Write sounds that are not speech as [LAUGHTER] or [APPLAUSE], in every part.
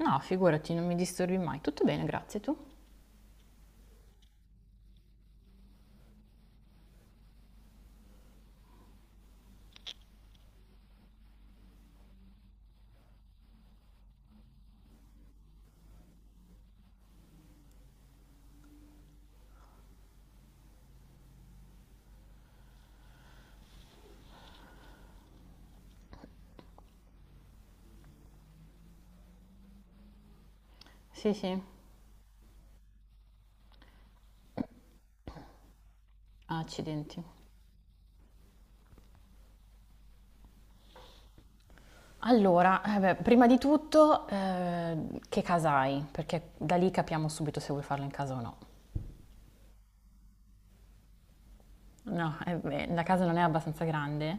No, figurati, non mi disturbi mai. Tutto bene, grazie. Tu? Sì, sì. Accidenti. Allora, eh beh, prima di tutto, che casa hai? Perché da lì capiamo subito se vuoi farlo in casa o no. No, eh beh, la casa non è abbastanza grande?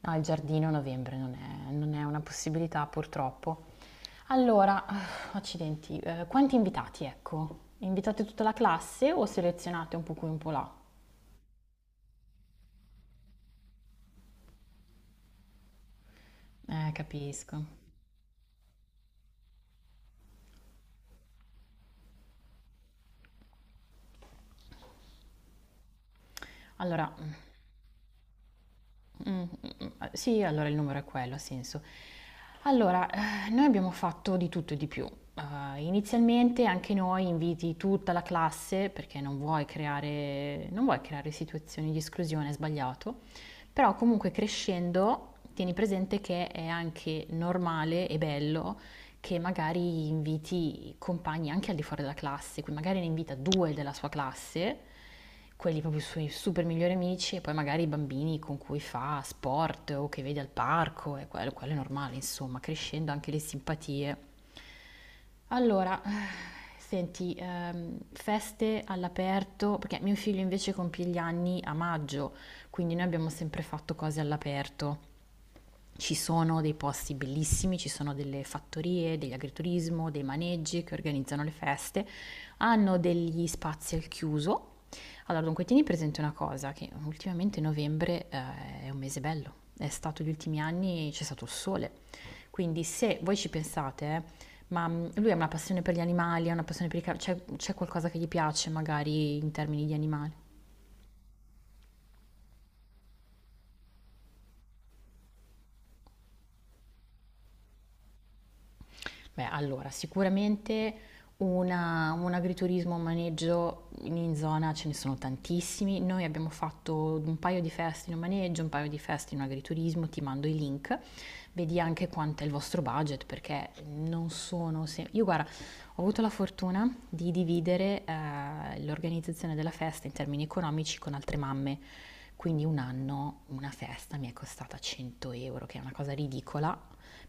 No, il giardino a novembre non è una possibilità, purtroppo. Allora, accidenti, quanti invitati, ecco? Invitate tutta la classe o selezionate un po' qui, un po' là? Capisco. Allora, mh, sì, allora il numero è quello, ha senso. Allora, noi abbiamo fatto di tutto e di più. Inizialmente anche noi inviti tutta la classe, perché non vuoi creare situazioni di esclusione, è sbagliato, però comunque crescendo tieni presente che è anche normale e bello che magari inviti compagni anche al di fuori della classe, quindi magari ne invita due della sua classe, quelli proprio i suoi super migliori amici, e poi magari i bambini con cui fa sport o che vede al parco, e quello è normale, insomma, crescendo anche le simpatie. Allora, senti, feste all'aperto, perché mio figlio invece compie gli anni a maggio, quindi noi abbiamo sempre fatto cose all'aperto. Ci sono dei posti bellissimi, ci sono delle fattorie, degli agriturismo, dei maneggi che organizzano le feste, hanno degli spazi al chiuso. Allora, dunque, tieni presente una cosa, che ultimamente novembre è un mese bello, è stato gli ultimi anni, c'è stato il sole, quindi se voi ci pensate, lui ha una passione per gli animali, ha una passione per i c'è qualcosa che gli piace magari in termini di animali. Beh, allora, sicuramente un agriturismo, un maneggio in zona ce ne sono tantissimi. Noi abbiamo fatto un paio di feste in un maneggio, un paio di feste in un agriturismo, ti mando i link. Vedi anche quanto è il vostro budget, perché non sono... se- Io guarda, ho avuto la fortuna di dividere l'organizzazione della festa in termini economici con altre mamme. Quindi un anno una festa mi è costata 100 euro, che è una cosa ridicola,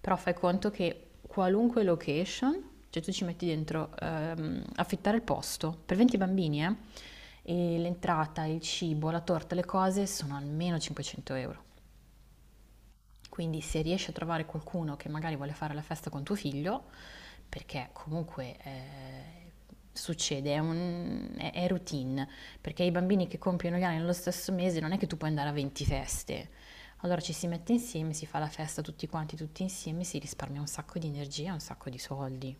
però fai conto che qualunque location, cioè tu ci metti dentro affittare il posto per 20 bambini, e l'entrata, il cibo, la torta, le cose sono almeno 500 euro. Quindi se riesci a trovare qualcuno che magari vuole fare la festa con tuo figlio, perché comunque succede, è routine, perché i bambini che compiono gli anni nello stesso mese non è che tu puoi andare a 20 feste. Allora ci si mette insieme, si fa la festa tutti quanti, tutti insieme, si risparmia un sacco di energia, un sacco di soldi.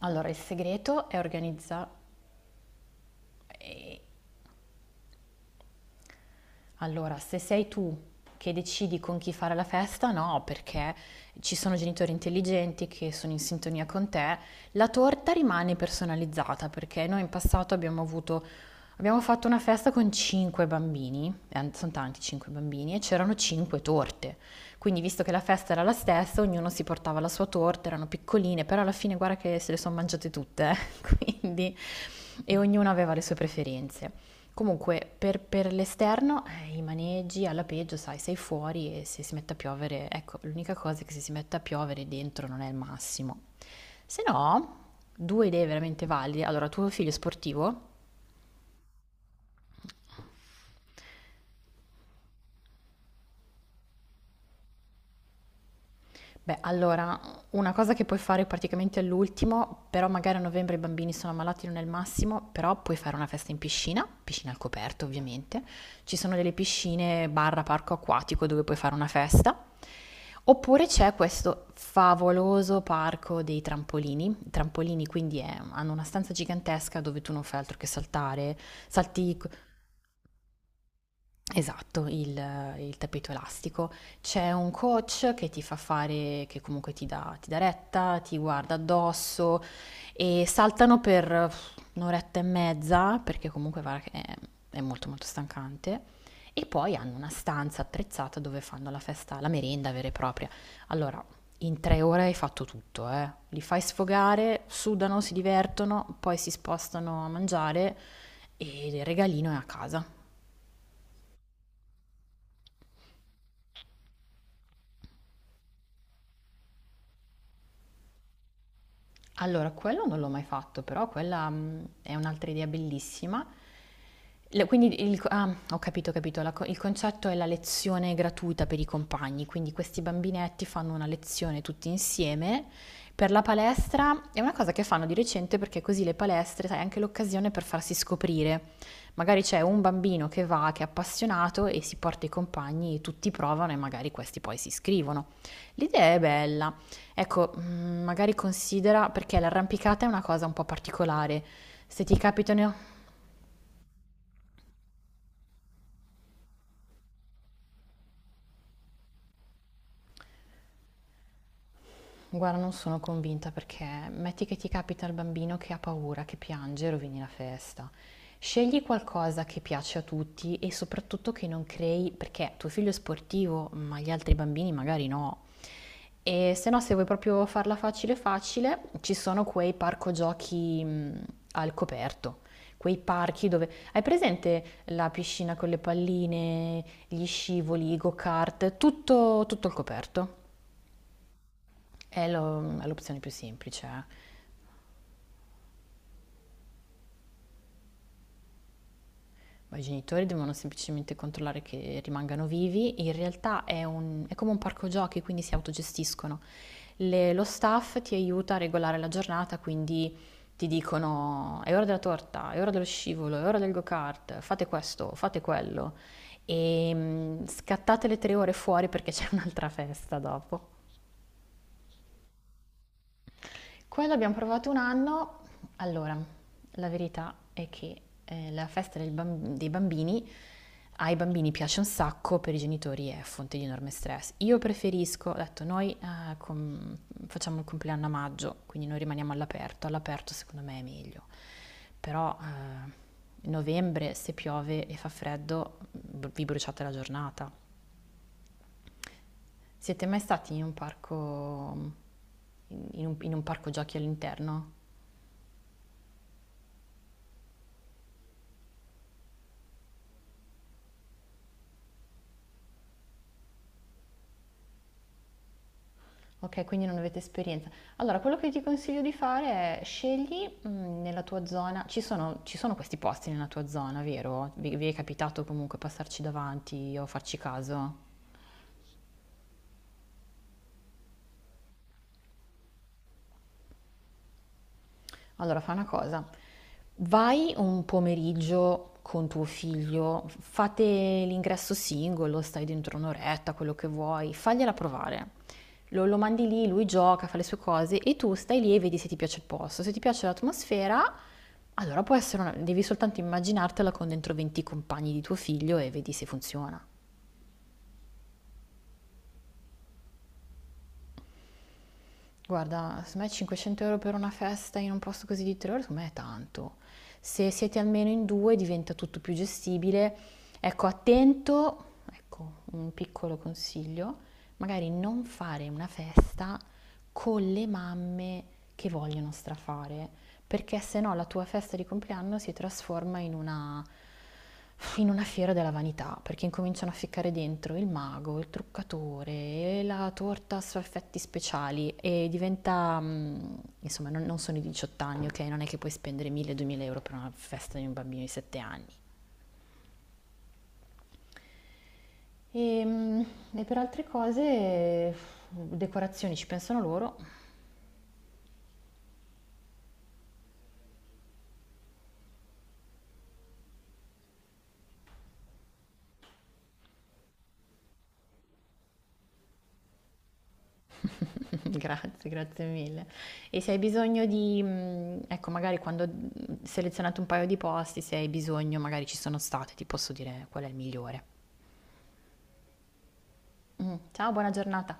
Allora il segreto è organizza- Allora, se sei tu che decidi con chi fare la festa, no, perché ci sono genitori intelligenti che sono in sintonia con te, la torta rimane personalizzata, perché noi in passato abbiamo fatto una festa con cinque bambini, sono tanti cinque bambini, e c'erano cinque torte. Quindi, visto che la festa era la stessa, ognuno si portava la sua torta, erano piccoline, però alla fine guarda che se le sono mangiate tutte, [LAUGHS] quindi, e ognuno aveva le sue preferenze. Comunque, per l'esterno, i maneggi alla peggio, sai, sei fuori e se si mette a piovere, ecco, l'unica cosa è che se si mette a piovere dentro non è il massimo. Se no, due idee veramente valide. Allora, tuo figlio è sportivo? Beh, allora, una cosa che puoi fare praticamente all'ultimo, però magari a novembre i bambini sono ammalati, non è il massimo, però puoi fare una festa in piscina, piscina al coperto ovviamente, ci sono delle piscine barra parco acquatico dove puoi fare una festa, oppure c'è questo favoloso parco dei trampolini, i trampolini quindi hanno una stanza gigantesca dove tu non fai altro che saltare, salti. Esatto, il tappeto elastico. C'è un coach che ti fa fare che comunque ti dà retta, ti guarda addosso e saltano per un'oretta e mezza, perché comunque guarda che è molto, molto stancante, e poi hanno una stanza attrezzata dove fanno la festa la merenda vera e propria. Allora, in 3 ore hai fatto tutto, eh. Li fai sfogare, sudano, si divertono, poi si spostano a mangiare e il regalino è a casa. Allora, quello non l'ho mai fatto, però quella, è un'altra idea bellissima. Le quindi il ah, ho capito, la co il concetto è la lezione gratuita per i compagni, quindi questi bambinetti fanno una lezione tutti insieme per la palestra. È una cosa che fanno di recente perché così le palestre, sai, è anche l'occasione per farsi scoprire. Magari c'è un bambino che va, che è appassionato e si porta i compagni e tutti provano e magari questi poi si iscrivono. L'idea è bella. Ecco, magari considera, perché l'arrampicata è una cosa un po' particolare. Se ti capitano Guarda, non sono convinta perché metti che ti capita il bambino che ha paura, che piange, rovini la festa. Scegli qualcosa che piace a tutti e soprattutto che non crei, perché tuo figlio è sportivo, ma gli altri bambini magari no. E se no, se vuoi proprio farla facile facile, ci sono quei parco giochi al coperto, quei parchi dove hai presente la piscina con le palline, gli scivoli, i go-kart, tutto, tutto al coperto. È l'opzione più semplice, eh. Ma i genitori devono semplicemente controllare che rimangano vivi. In realtà è come un parco giochi, quindi si autogestiscono. Lo staff ti aiuta a regolare la giornata, quindi ti dicono è ora della torta, è ora dello scivolo, è ora del go-kart, fate questo, fate quello. E scattate le 3 ore fuori perché c'è un'altra festa dopo. Quello abbiamo provato un anno. Allora, la verità è che la festa del bam- dei bambini ai bambini piace un sacco, per i genitori è fonte di enorme stress. Io preferisco, ho detto, noi facciamo il compleanno a maggio, quindi noi rimaniamo all'aperto. All'aperto secondo me è meglio. Però novembre, se piove e fa freddo, vi bruciate la giornata. Siete mai stati in un parco, in un parco giochi all'interno? Ok, quindi non avete esperienza. Allora, quello che ti consiglio di fare è scegli nella tua zona, ci sono questi posti nella tua zona, vero? Vi è capitato comunque passarci davanti o farci caso? Allora, fa una cosa. Vai un pomeriggio con tuo figlio, fate l'ingresso singolo, stai dentro un'oretta, quello che vuoi, fagliela provare. Lo mandi lì, lui gioca, fa le sue cose e tu stai lì e vedi se ti piace il posto. Se ti piace l'atmosfera, allora devi soltanto immaginartela con dentro 20 compagni di tuo figlio e vedi se funziona. Guarda, secondo me 500 euro per una festa in un posto così di 3 ore, secondo me è tanto. Se siete almeno in due diventa tutto più gestibile. Ecco, attento, ecco, un piccolo consiglio, magari non fare una festa con le mamme che vogliono strafare, perché se no la tua festa di compleanno si trasforma in una fiera della vanità, perché incominciano a ficcare dentro il mago, il truccatore, e la torta a effetti speciali e diventa, insomma, non sono i 18 anni, ok? Non è che puoi spendere 1000-2000 euro per una festa di un bambino di 7 anni. E, e per altre cose, decorazioni ci pensano loro. [LAUGHS] Grazie, grazie mille. E se hai bisogno di, ecco magari quando, selezionate un paio di posti, se hai bisogno magari ci sono state, ti posso dire qual è il migliore. Ciao, buona giornata.